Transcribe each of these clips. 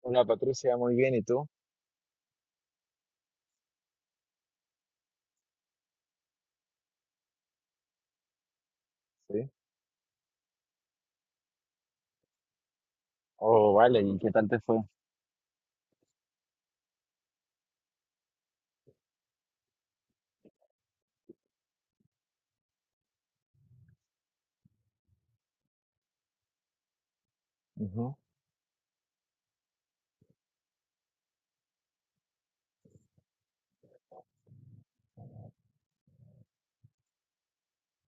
Hola Patricia, muy bien, ¿y tú? Sí. Oh, vale, ¿y qué tal te fue? Ujú,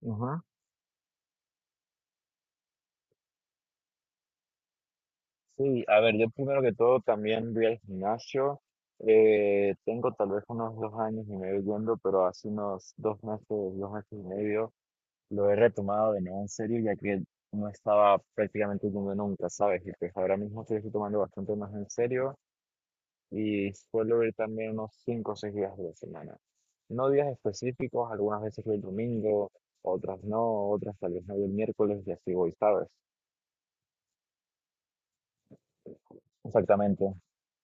ujú. Sí, a ver, yo primero que todo también voy al gimnasio. Tengo tal vez unos dos años y medio yendo, pero hace unos dos meses y medio, lo he retomado de nuevo en serio, ya que no estaba prácticamente yendo nunca, ¿sabes? Y pues ahora mismo estoy tomando bastante más en serio. Y suelo ir también unos 5 o 6 días de la semana. No días específicos, algunas veces voy el domingo, otras no, otras tal vez no voy el miércoles y así voy, ¿sabes? Exactamente,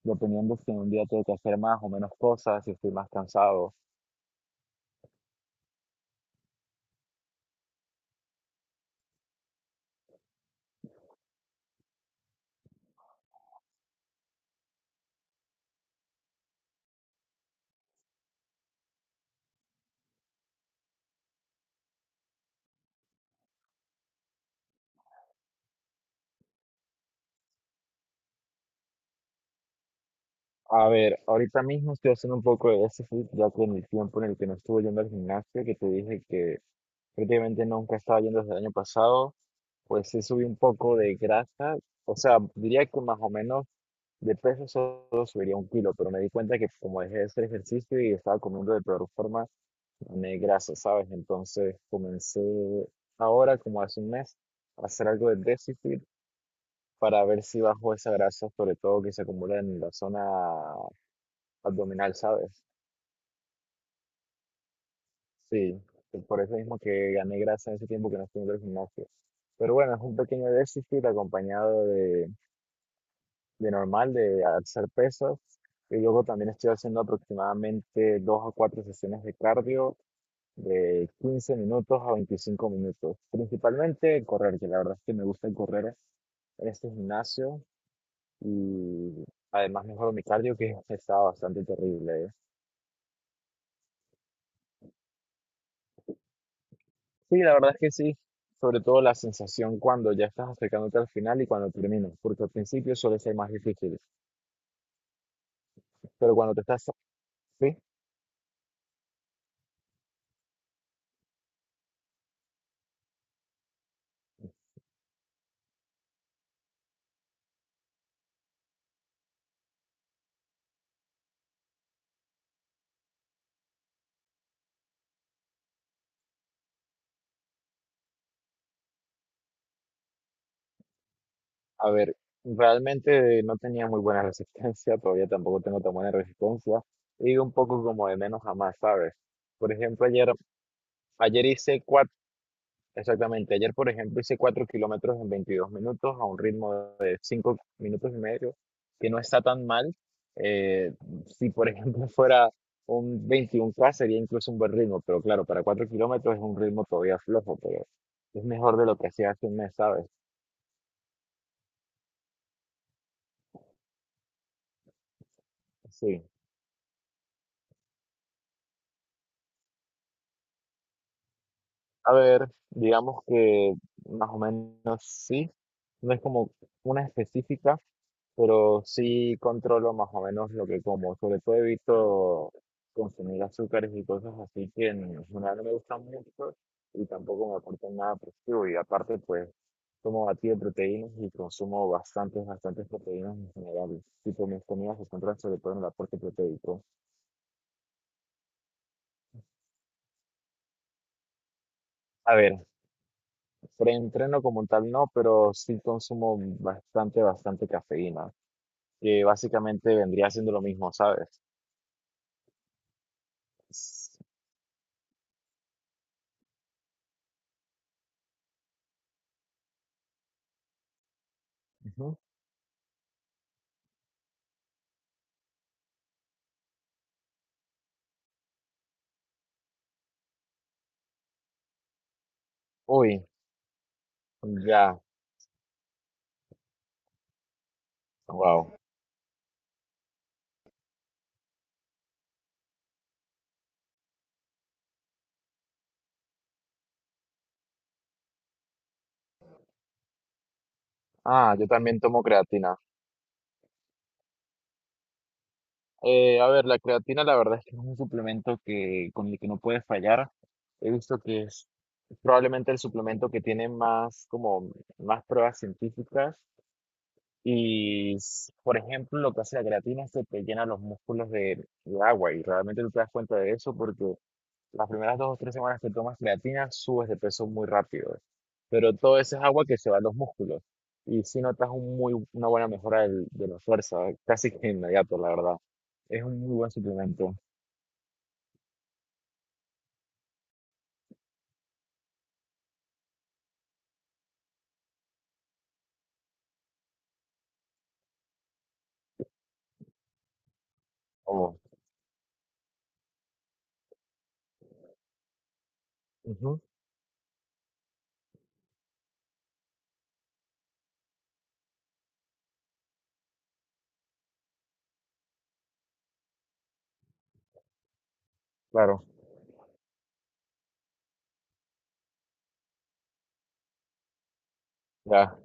dependiendo si en un día tengo que hacer más o menos cosas, si estoy más cansado. A ver, ahorita mismo estoy haciendo un poco de déficit, ya que en el tiempo en el que no estuve yendo al gimnasio, que te dije que prácticamente nunca estaba yendo desde el año pasado, pues sí subí un poco de grasa, o sea, diría que más o menos de peso solo subiría un kilo, pero me di cuenta que como dejé de hacer ejercicio y estaba comiendo de peor forma, me grasa, ¿sabes? Entonces comencé ahora, como hace un mes, a hacer algo de déficit para ver si bajo esa grasa, sobre todo que se acumula en la zona abdominal, ¿sabes? Sí, y por eso mismo que gané grasa en ese tiempo que no estuve en el gimnasio. Pero bueno, es un pequeño déficit acompañado de normal, de hacer pesas. Y luego también estoy haciendo aproximadamente dos a cuatro sesiones de cardio de 15 minutos a 25 minutos. Principalmente correr, que la verdad es que me gusta correr en este gimnasio y además mejoro mi cardio que estaba bastante terrible. ¿Eh? Sí, la verdad es que sí. Sobre todo la sensación cuando ya estás acercándote al final y cuando terminas, porque al principio suele ser más difícil. Pero cuando te estás... Sí, a ver, realmente no tenía muy buena resistencia, todavía tampoco tengo tan buena resistencia, y un poco como de menos a más, ¿sabes? Por ejemplo, ayer, ayer hice cuatro, exactamente, ayer por ejemplo hice cuatro kilómetros en 22 minutos a un ritmo de cinco minutos y medio, que no está tan mal. Eh, si por ejemplo fuera un 21K sería incluso un buen ritmo, pero claro, para cuatro kilómetros es un ritmo todavía flojo, pero es mejor de lo que hacía hace un mes, ¿sabes? Sí. A ver, digamos que más o menos sí, no es como una específica, pero sí controlo más o menos lo que como. Sobre todo evito consumir azúcares y cosas así que en general no me gustan mucho y tampoco me aportan nada positivo. Y aparte, pues, tomo batido de proteínas y consumo bastantes proteínas en general. Tipo, mis comidas se centran sobre todo en el aporte proteico. A ver, preentreno como tal no, pero sí consumo bastante cafeína, que básicamente vendría siendo lo mismo, ¿sabes? S- Ujú. Uy, ya, wow. Ah, yo también tomo creatina. A ver, la creatina la verdad es que es un suplemento que, con el que no puedes fallar. He visto que es probablemente el suplemento que tiene más, como, más pruebas científicas. Por ejemplo, lo que hace la creatina es que te llena los músculos de agua y realmente no te das cuenta de eso porque las primeras dos o tres semanas que tomas creatina subes de peso muy rápido, pero todo ese es agua que se va a los músculos y sí notas un muy, una buena mejora de la fuerza, casi que inmediato, la verdad. Es un muy buen suplemento. Oh, ujú, claro, ya,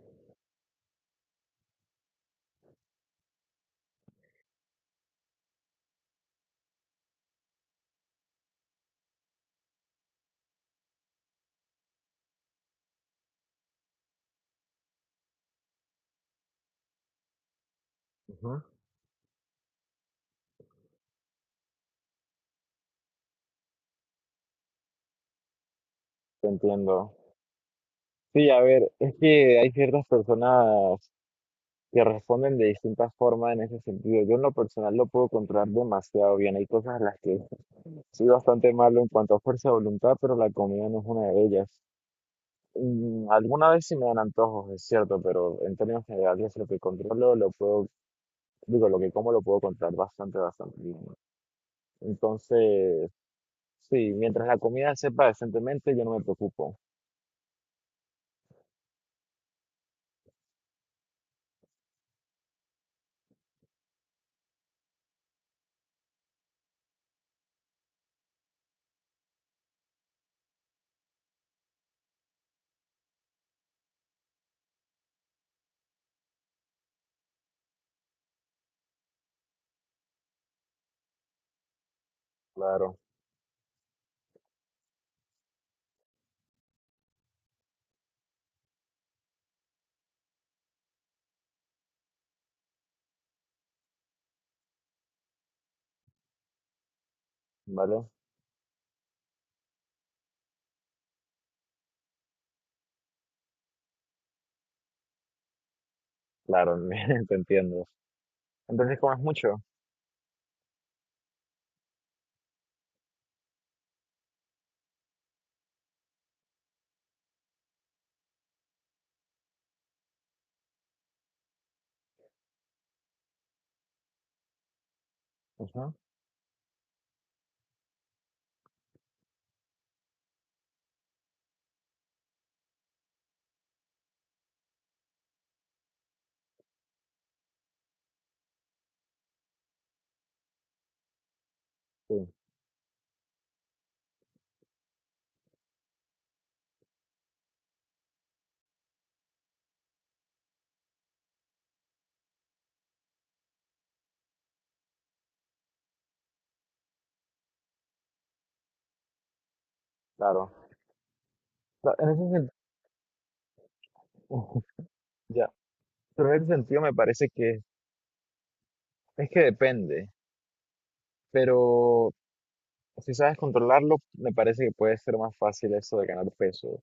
ujú, te entiendo. Sí, a ver, es que hay ciertas personas que responden de distintas formas en ese sentido. Yo en lo personal lo puedo controlar demasiado bien. Hay cosas en las que soy bastante malo en cuanto a fuerza de voluntad, pero la comida no es una de ellas. Alguna vez sí me dan antojos, es cierto, pero en términos generales lo que controlo lo puedo, digo, lo que como lo puedo controlar bastante bien. Entonces, sí, mientras la comida sepa decentemente, yo no me preocupo. Claro, ¿vale? Claro, te entiendo. Entonces comes mucho. Ajá, sí, claro. En ese sentido, pero en ese sentido me parece que es que depende, pero si sabes controlarlo, me parece que puede ser más fácil eso de ganar peso.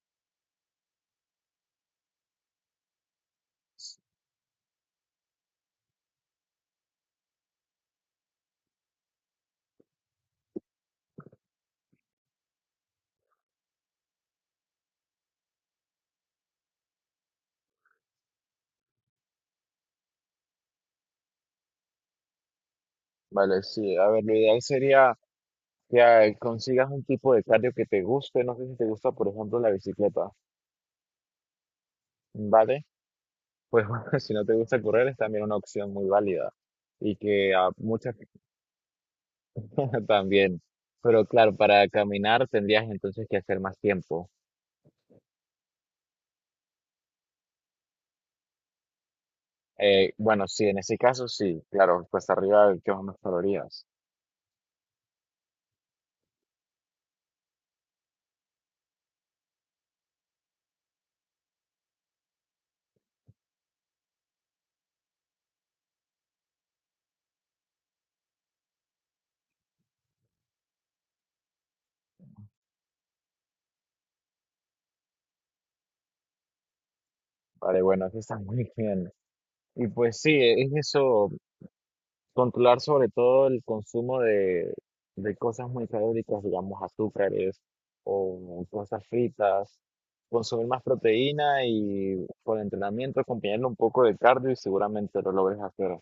Vale, sí, a ver, lo ideal sería que consigas un tipo de cardio que te guste, no sé si te gusta, por ejemplo, la bicicleta, ¿vale? Pues bueno, si no te gusta correr es también una opción muy válida y que a muchas personas también, pero claro, para caminar tendrías entonces que hacer más tiempo. Bueno, sí, en ese caso sí, claro, pues arriba de quemas más calorías. Vale, bueno, eso está muy bien. Y pues sí, es eso, controlar sobre todo el consumo de cosas muy calóricas, digamos azúcares o cosas fritas, consumir más proteína y por entrenamiento acompañarlo un poco de cardio y seguramente lo logres hacer.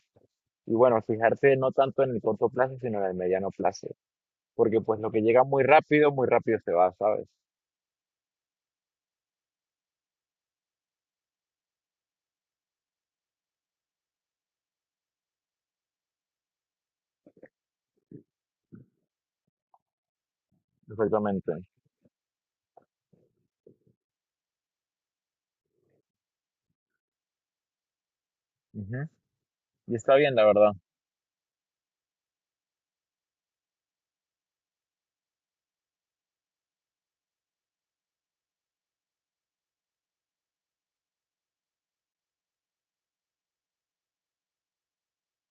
Y bueno, fijarte no tanto en el corto plazo, sino en el mediano plazo, porque pues lo que llega muy rápido se va, ¿sabes? Perfectamente. Ujú. Y está bien, la verdad.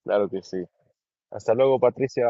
Claro que sí. Hasta luego, Patricia.